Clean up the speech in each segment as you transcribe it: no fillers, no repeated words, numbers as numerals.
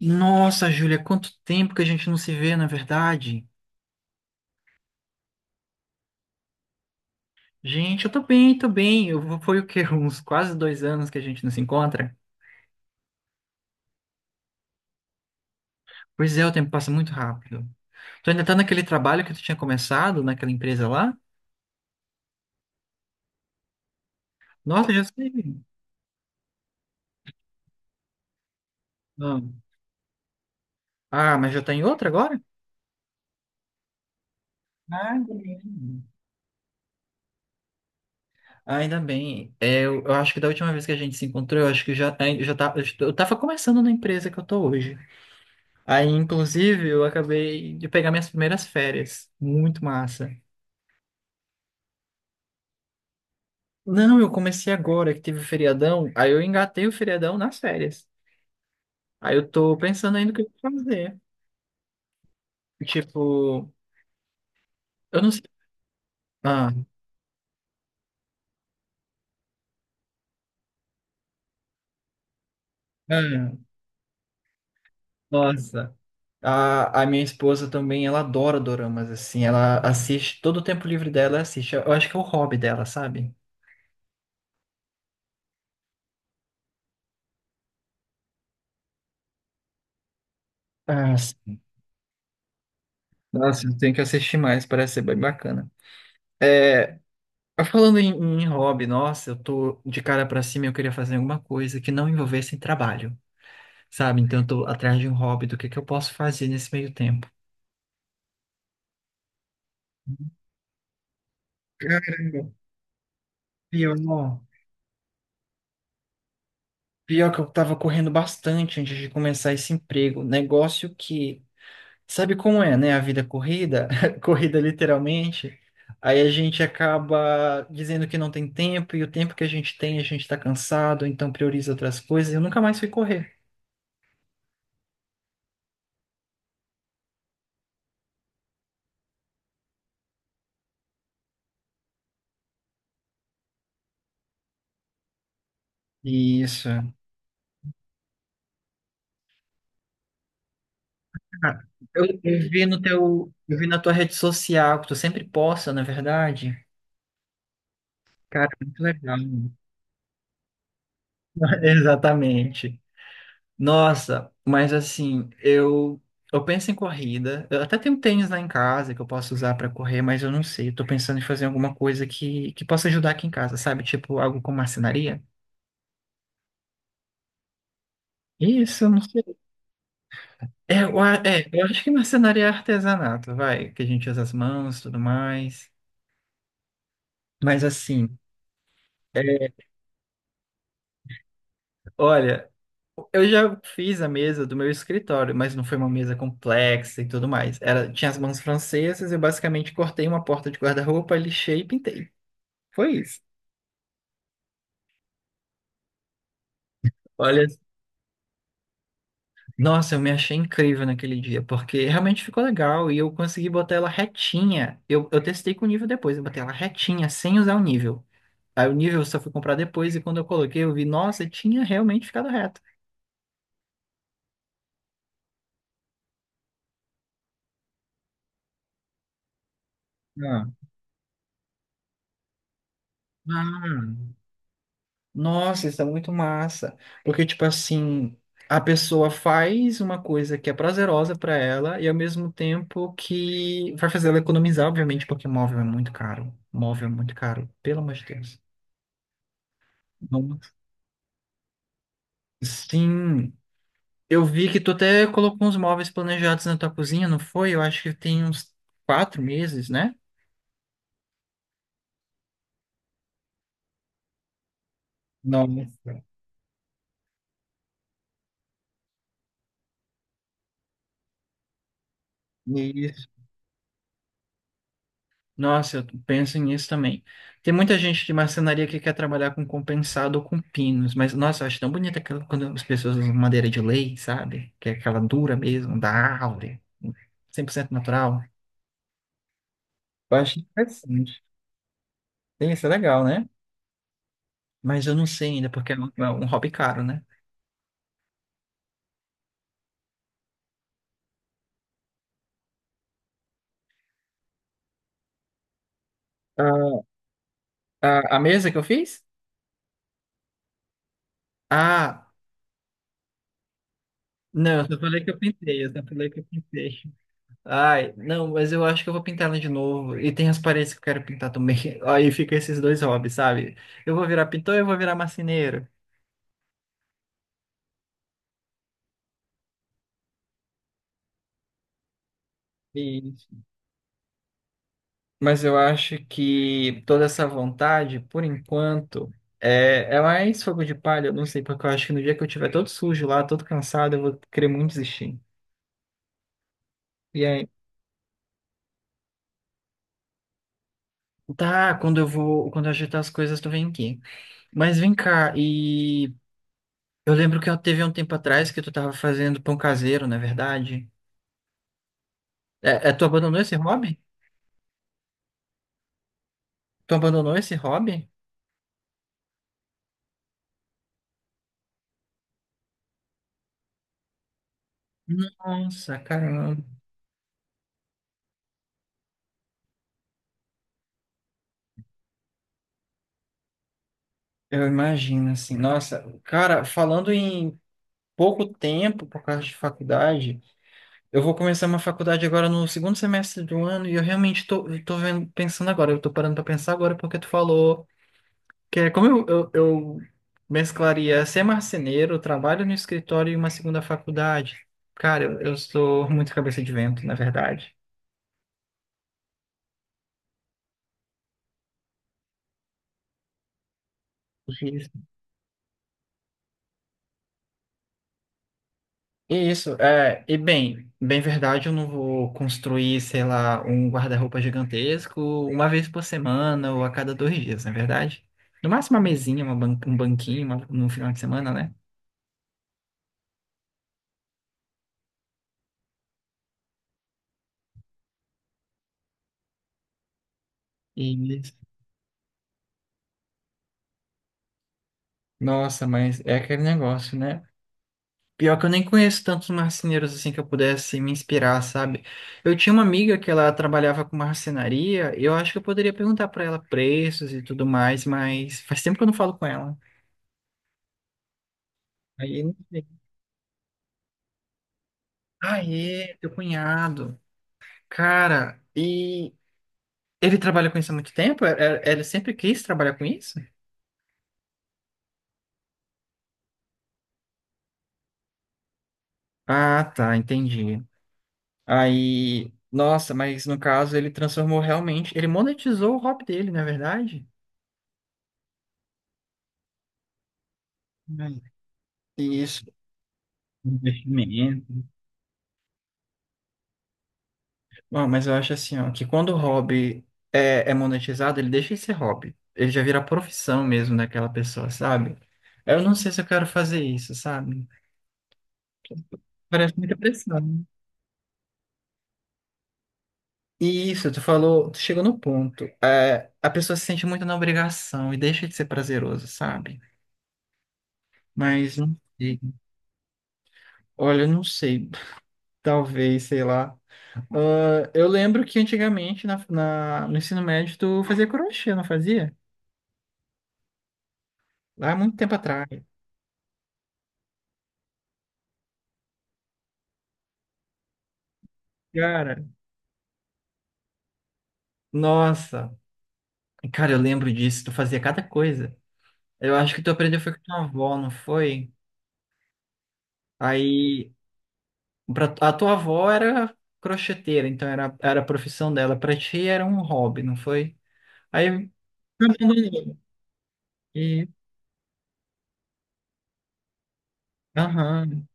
Nossa, Júlia, quanto tempo que a gente não se vê, na verdade. Gente, eu tô bem, tô bem. Foi o quê? Uns quase 2 anos que a gente não se encontra? Pois é, o tempo passa muito rápido. Tu ainda tá naquele trabalho que tu tinha começado, naquela empresa lá? Nossa, já sei. Não. Ah, mas já tá em outra agora? Ah, ainda bem. Ainda bem. É, eu acho que da última vez que a gente se encontrou, eu acho que já, ai, já tá, eu tava começando na empresa que eu tô hoje. Aí, inclusive, eu acabei de pegar minhas primeiras férias. Muito massa. Não, eu comecei agora que teve o feriadão, aí eu engatei o feriadão nas férias. Aí eu tô pensando ainda o que eu vou fazer. Tipo, eu não sei. Ah, ah, nossa. A minha esposa também, ela adora doramas, assim. Ela assiste, todo o tempo livre dela ela assiste. Eu acho que é o hobby dela, sabe? Ah, sim. Nossa, eu tenho que assistir mais, parece ser bem bacana. É, falando em hobby, nossa, eu tô de cara pra cima, e eu queria fazer alguma coisa que não envolvesse trabalho. Sabe? Então eu tô atrás de um hobby, do que eu posso fazer nesse meio tempo. Caramba. Pior, ó, pior que eu tava correndo bastante antes de começar esse emprego. Negócio que, sabe como é, né? A vida é corrida, corrida literalmente. Aí a gente acaba dizendo que não tem tempo, e o tempo que a gente tem, a gente tá cansado, então prioriza outras coisas. E eu nunca mais fui correr. Isso. Ah, eu vi no teu, eu vi na tua rede social, que tu sempre posta, na verdade. Cara, muito legal. Exatamente. Nossa, mas assim, eu penso em corrida. Eu até tenho tênis lá em casa que eu posso usar para correr, mas eu não sei. Eu tô pensando em fazer alguma coisa que possa ajudar aqui em casa, sabe? Tipo algo com marcenaria. Isso, eu não sei. É, eu acho que marcenaria é artesanato, vai, que a gente usa as mãos, tudo mais. Mas assim, é, olha. Eu já fiz a mesa do meu escritório, mas não foi uma mesa complexa e tudo mais. Tinha as mãos francesas, eu basicamente cortei uma porta de guarda-roupa, lixei e pintei. Foi isso. Olha, nossa, eu me achei incrível naquele dia, porque realmente ficou legal e eu consegui botar ela retinha. Eu testei com o nível depois, eu botei ela retinha, sem usar o nível. Aí o nível eu só fui comprar depois e quando eu coloquei, eu vi, nossa, tinha realmente ficado reto. Ah, Ah. Nossa, isso é muito massa. Porque, tipo assim, a pessoa faz uma coisa que é prazerosa pra ela e ao mesmo tempo que vai fazer ela economizar, obviamente, porque móvel é muito caro. Móvel é muito caro, pelo amor de Deus. Vamos. Sim, eu vi que tu até colocou uns móveis planejados na tua cozinha, não foi? Eu acho que tem uns 4 meses, né? Nossa. Nossa, eu penso nisso também. Tem muita gente de marcenaria que quer trabalhar com compensado ou com pinos, mas nossa, eu acho tão bonita quando as pessoas usam madeira de lei, sabe? Que é aquela dura mesmo, da árvore, 100% natural. Eu acho interessante. Tem Isso é legal, né? Mas eu não sei ainda, porque é um, hobby caro, né? A, a mesa que eu fiz? Ah, não, eu só falei que eu pintei, eu só falei que eu pintei. Ai, não, mas eu acho que eu vou pintar ela de novo. E tem as paredes que eu quero pintar também. Aí fica esses dois hobbies, sabe? Eu vou virar pintor e eu vou virar marceneiro. E- Mas eu acho que toda essa vontade, por enquanto, é mais fogo de palha. Eu não sei, porque eu acho que no dia que eu tiver todo sujo lá, todo cansado, eu vou querer muito desistir. E aí, tá, quando eu ajeitar as coisas, tu vem aqui. Mas vem cá, e eu lembro que eu teve um tempo atrás que tu tava fazendo pão caseiro, não é verdade? É, tu abandonou esse hobby? Tu abandonou esse hobby? Nossa, caramba. Eu imagino assim. Nossa, cara, falando em pouco tempo por causa de faculdade, eu vou começar uma faculdade agora no segundo semestre do ano e eu tô vendo, pensando agora, eu tô parando pra pensar agora porque tu falou que é como eu mesclaria ser marceneiro, trabalho no escritório e uma segunda faculdade. Cara, eu sou muito cabeça de vento, na verdade. Isso, é, e bem, bem verdade, eu não vou construir, sei lá, um guarda-roupa gigantesco uma vez por semana ou a cada 2 dias, não é verdade? No máximo uma mesinha, um banquinho no final de semana, né? E, nossa, mas é aquele negócio, né? Pior que eu nem conheço tantos marceneiros assim que eu pudesse me inspirar, sabe? Eu tinha uma amiga que ela trabalhava com marcenaria, e eu acho que eu poderia perguntar pra ela preços e tudo mais, mas faz tempo que eu não falo com ela. Aí, aê, teu cunhado. Cara, e ele trabalha com isso há muito tempo? Ele sempre quis trabalhar com isso? Ah, tá, entendi. Aí, nossa, mas no caso ele transformou realmente, ele monetizou o hobby dele, não é verdade? Ai, isso, investimento. Bom, mas eu acho assim, ó, que quando o hobby é, monetizado, ele deixa de ser hobby. Ele já vira profissão mesmo daquela pessoa, sabe? Eu não sei se eu quero fazer isso, sabe? Parece muita pressão. E isso, tu falou, tu chegou no ponto. É, a pessoa se sente muito na obrigação e deixa de ser prazeroso, sabe? Mas não sei. Olha, eu não sei. Talvez, sei lá. Ah, eu lembro que antigamente na, no ensino médio tu fazia crochê, não fazia? Lá há muito tempo atrás. Cara, nossa. Cara, eu lembro disso. Tu fazia cada coisa. Eu acho que tu aprendeu foi com tua avó, não foi? Aí, a tua avó era crocheteira, então era a profissão dela. Pra ti era um hobby, não foi? Aí abandonou. E, aham.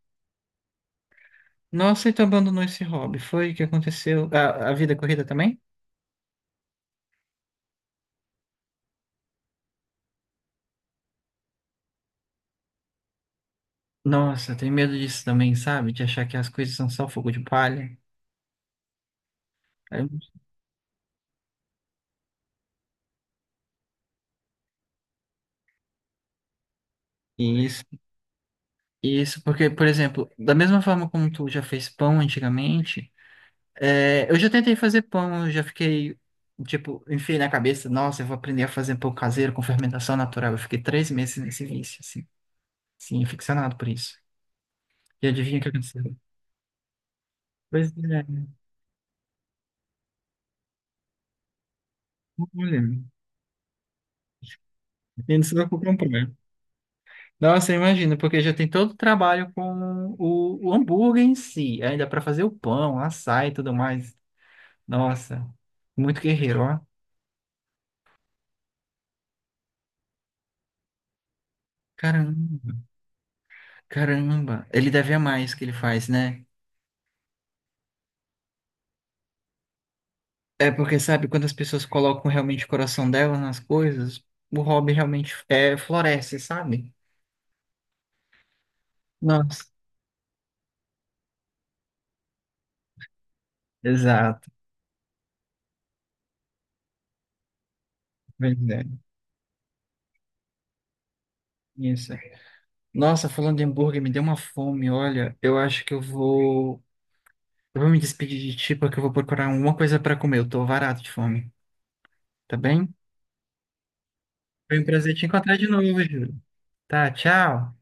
Nossa, e tu abandonou esse hobby. Foi o que aconteceu? A vida corrida também? Nossa, eu tenho medo disso também, sabe? De achar que as coisas são só fogo de palha. É, Isso, isso, porque, por exemplo, da mesma forma como tu já fez pão antigamente, é, eu já tentei fazer pão, eu já fiquei, tipo, enfiei na cabeça, nossa, eu vou aprender a fazer pão caseiro com fermentação natural. Eu fiquei 3 meses nesse vício, assim, sim, ficcionado por isso. E adivinha o que aconteceu? Pois é, né? Olha, e não se preocupe com o problema. Nossa, imagina, porque já tem todo o trabalho com o, hambúrguer em si, ainda para fazer o pão, assar e tudo mais. Nossa, muito guerreiro, ó. Caramba, caramba. Ele deve amar isso que ele faz, né? É porque, sabe, quando as pessoas colocam realmente o coração delas nas coisas, o hobby realmente floresce, sabe? Nossa, exato. Verdade. Isso. Nossa, falando de hambúrguer, me deu uma fome, olha. Eu acho que eu vou. Eu vou me despedir de ti, porque eu vou procurar alguma coisa para comer. Eu tô varado de fome, tá bem? Foi um prazer te encontrar de novo, Júlio. Tá, tchau.